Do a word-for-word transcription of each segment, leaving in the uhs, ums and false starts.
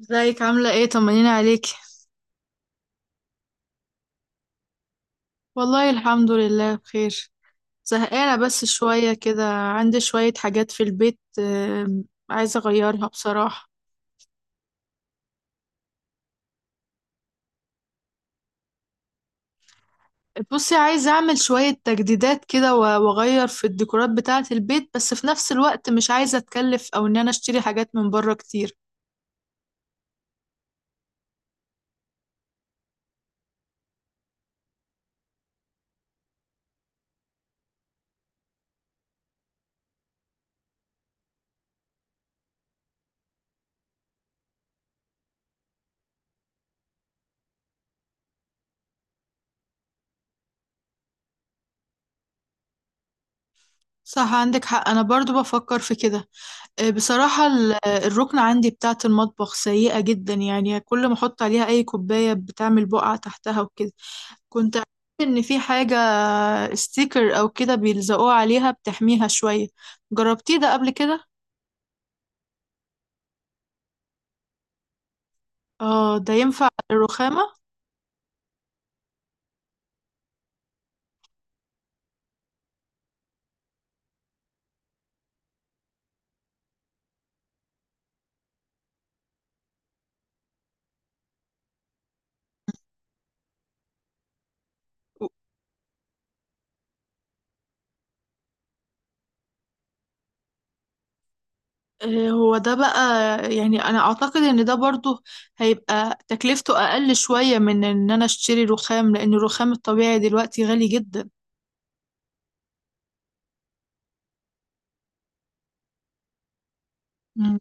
ازيك؟ عاملة ايه؟ طمنيني عليكي. والله الحمد لله بخير. زهقانة بس شوية كده، عندي شوية حاجات في البيت آم، عايزة اغيرها بصراحة. بصي، عايزة اعمل شوية تجديدات كده و- واغير في الديكورات بتاعة البيت، بس في نفس الوقت مش عايزة اتكلف او ان انا اشتري حاجات من بره كتير. صح، عندك حق، انا برضو بفكر في كده. آه، بصراحة ال- الركنة عندي بتاعة المطبخ سيئة جدا، يعني كل ما احط عليها اي كوباية بتعمل بقع تحتها وكده. كنت عارفة إن في حاجة ستيكر أو كده بيلزقوه عليها بتحميها شوية. جربتيه ده قبل كده؟ اه، ده ينفع الرخامة؟ آه، هو ده بقى. يعني أنا أعتقد إن ده برضو هيبقى تكلفته أقل شوية من إن أنا أشتري رخام، لأن الرخام الطبيعي دلوقتي غالي جدا. مم.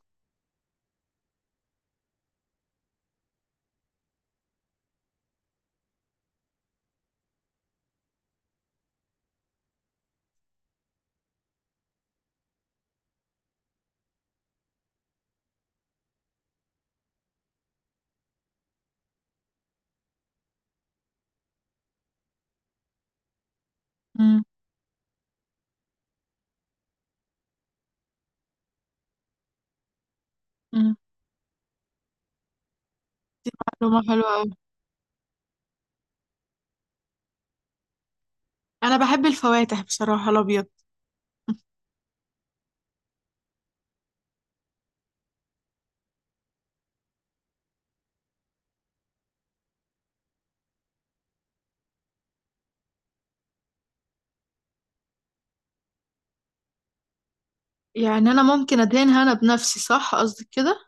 مم. مم. معلومة حلوة أوي. أنا بحب الفواتح بصراحة، الأبيض. يعني أنا ممكن أدهنها أنا بنفسي، صح قصدك كده؟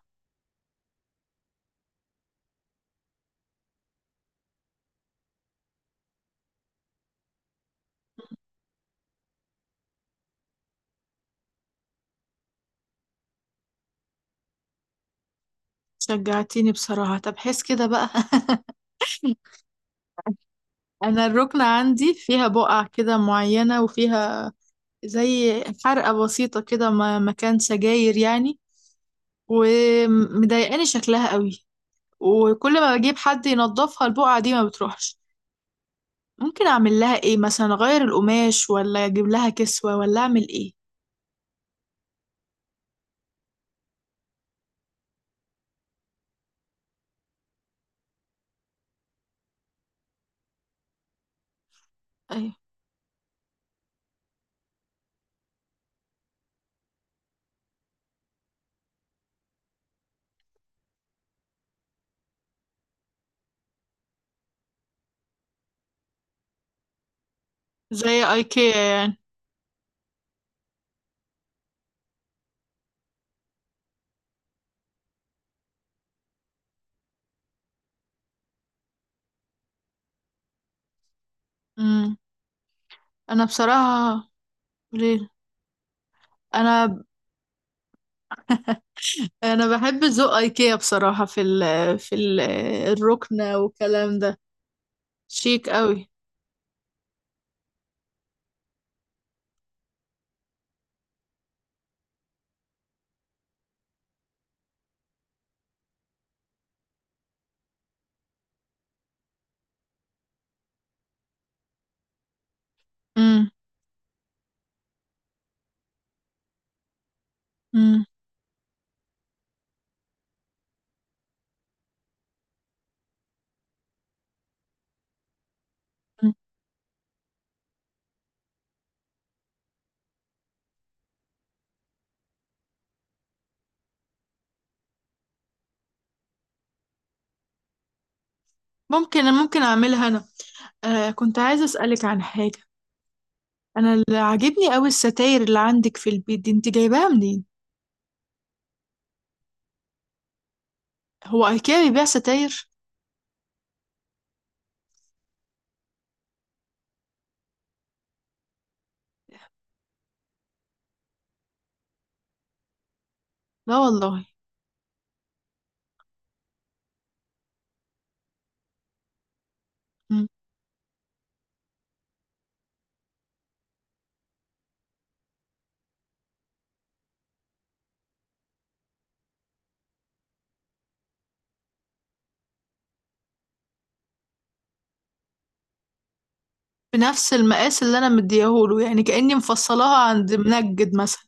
شجعتيني بصراحة، طب حس كده بقى. انا الركنة عندي فيها بقع كده معينة، وفيها زي حرقة بسيطة كده، ما- مكان سجاير يعني. ومضايقاني شكلها قوي، وكل ما بجيب حد ينظفها البقعة دي ما بتروحش. ممكن اعمل لها ايه مثلا، اغير القماش ولا اجيب لها كسوة ولا اعمل ايه؟ ايوه. زي ايكيا يعني. امم. انا بصراحة. ليه. انا. انا بحب ذوق ايكيا بصراحة، في ال، في ال، الركنة والكلام ده. شيك قوي. امم. ممكن، ممكن اعملها انا. آه، كنت عايزة اسألك عن حاجة. انا اللي عاجبني قوي الستاير اللي عندك في البيت دي، انت جايباها منين؟ هو ايكيا بيبيع ستاير؟ لا والله. مم. بنفس المقاس اللي انا مديهوله، يعني كأني مفصلاها عند منجد مثلا.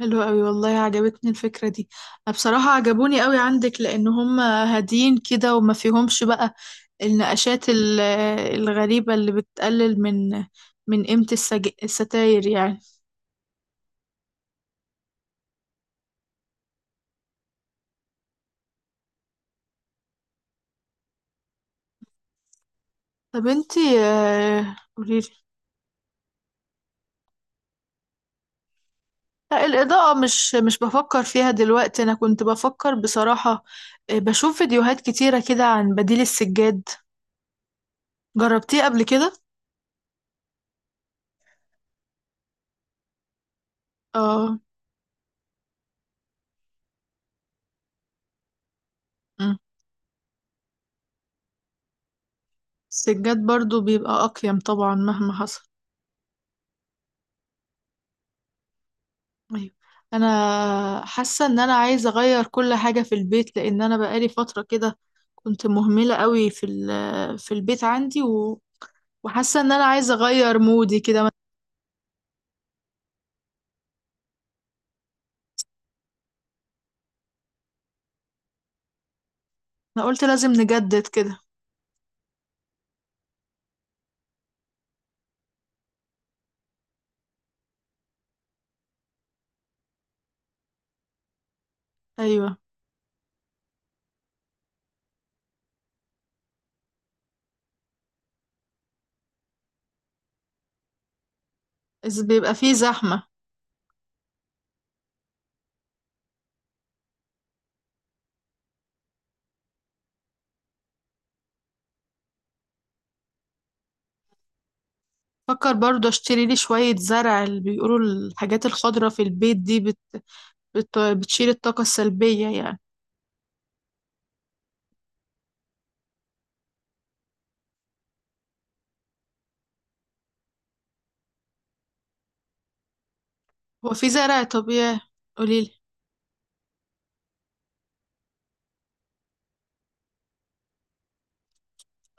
حلو قوي والله، عجبتني الفكرة دي. أنا بصراحة عجبوني قوي عندك، لان هم هادين كده وما فيهمش بقى النقشات ال- الغريبة اللي بتقلل من، من قيمة السج... الستاير يعني. طب انتي، آه، قوليلي. لا، الإضاءة مش مش بفكر فيها دلوقتي. أنا كنت بفكر بصراحة، آه، بشوف فيديوهات كتيرة كده عن بديل السجاد. جربتيه قبل كده؟ اه. مم. السجاد برضو بيبقى أقيم طبعا مهما حصل. أيوة. أنا حاسة إن أنا عايزة أغير كل حاجة في البيت، لأن أنا بقالي فترة كده كنت مهملة قوي في ال، في البيت عندي، و- وحاسة إن أنا عايزة أغير مودي كده. أنا قلت لازم نجدد كده. أيوة. إذ بيبقى فيه زحمة. فكر برضه اشتري لي شوية زرع، اللي بيقولوا الحاجات الخضرة في البيت دي بت... بت... بتشيل الطاقة السلبية يعني. هو في زرع طبيعي؟ قوليلي.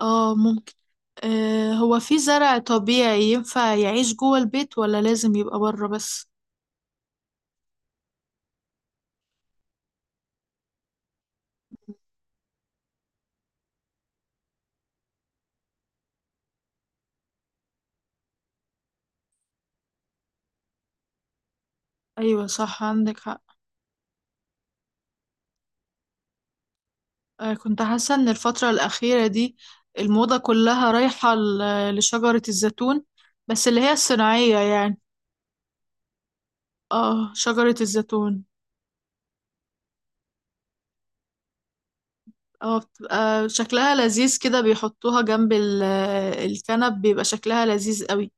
اه ممكن. آه، هو في زرع طبيعي ينفع يعيش جوه البيت ولا لازم يبقى بره بس؟ ايوه صح، عندك حق. آه، كنت حاسة ان الفترة الأخيرة دي الموضة كلها رايحة ل- لشجرة الزيتون. بس اللي هي الصناعية يعني. اه، شجرة الزيتون. اه بتبقى شكلها لذيذ كده، بيحطوها جنب ال- الكنب، بيبقى شكلها لذيذ قوي.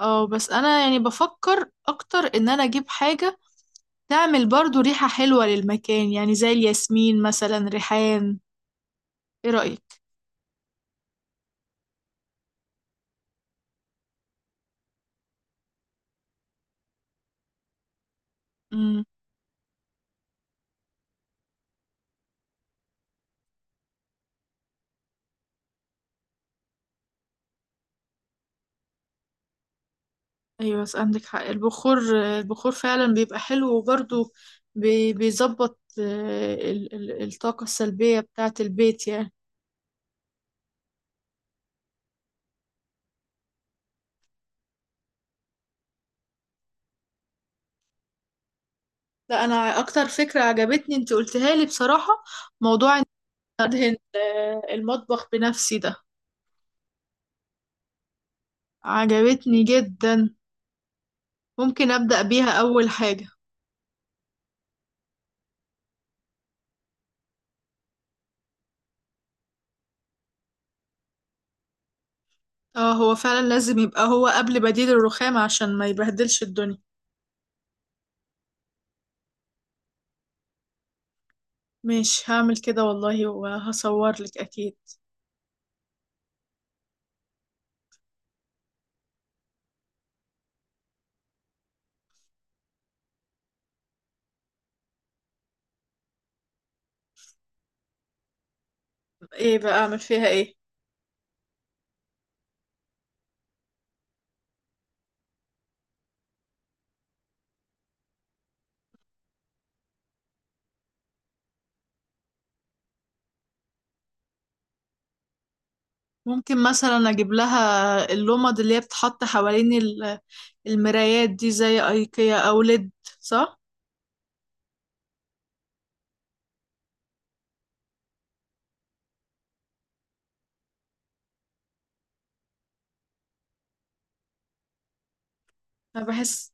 اه بس انا يعني بفكر اكتر ان انا اجيب حاجة تعمل برضو ريحة حلوة للمكان، يعني زي الياسمين مثلا، ريحان. ايه رأيك؟ امم. ايوه بس عندك حق، البخور. البخور فعلا بيبقى حلو، وبرضو بي- بيظبط آه، ال- ال- الطاقة السلبية بتاعة البيت يعني. لا انا. اكتر فكرة عجبتني انت قلتها لي بصراحة، موضوع أدهن آه، المطبخ بنفسي ده. عجبتني جدا. ممكن أبدأ بيها أول حاجة. اه هو فعلا لازم يبقى هو قبل بديل الرخام عشان ما يبهدلش الدنيا. مش هعمل كده والله، وهصور لك أكيد. ايه بقى أعمل فيها ايه؟ ممكن مثلا أجيب لها اللمض اللي هي بتحط حوالين ال- المرايات دي، زي أيكيا أو ليد، صح؟ أنا بحس،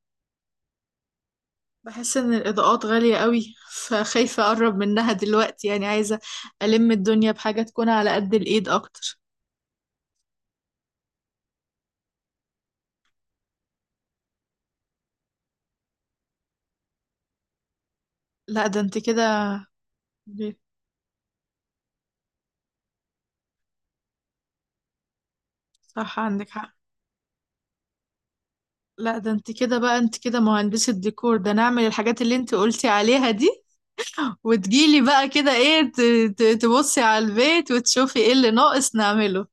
بحس ان الاضاءات غالية قوي، فخايفة اقرب منها دلوقتي. يعني عايزة الم الدنيا بحاجة تكون على قد الايد اكتر. لا ده انت كده. صح عندك حق. لا ده انت كده بقى، انت كده مهندسة ديكور، ده نعمل الحاجات اللي انت قلتي عليها دي، وتجيلي بقى كده، ايه، ت- ت- تبصي على البيت وتشوفي ايه اللي ناقص نعمله.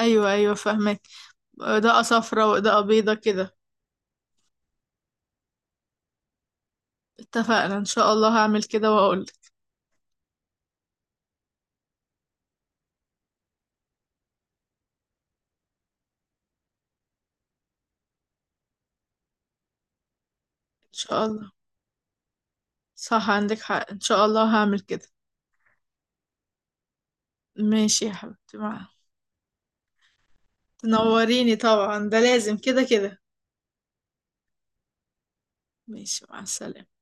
ايوه ايوه، فاهمك. اضاءة صفراء واضاءة بيضة كده. اتفقنا، ان شاء الله هعمل كده واقولك. ان شاء الله. صح عندك حق، ان شاء الله هعمل كده. ماشي يا حبيبتي، مع. تنوريني طبعا، ده لازم كده كده. ماشي، مع السلامة.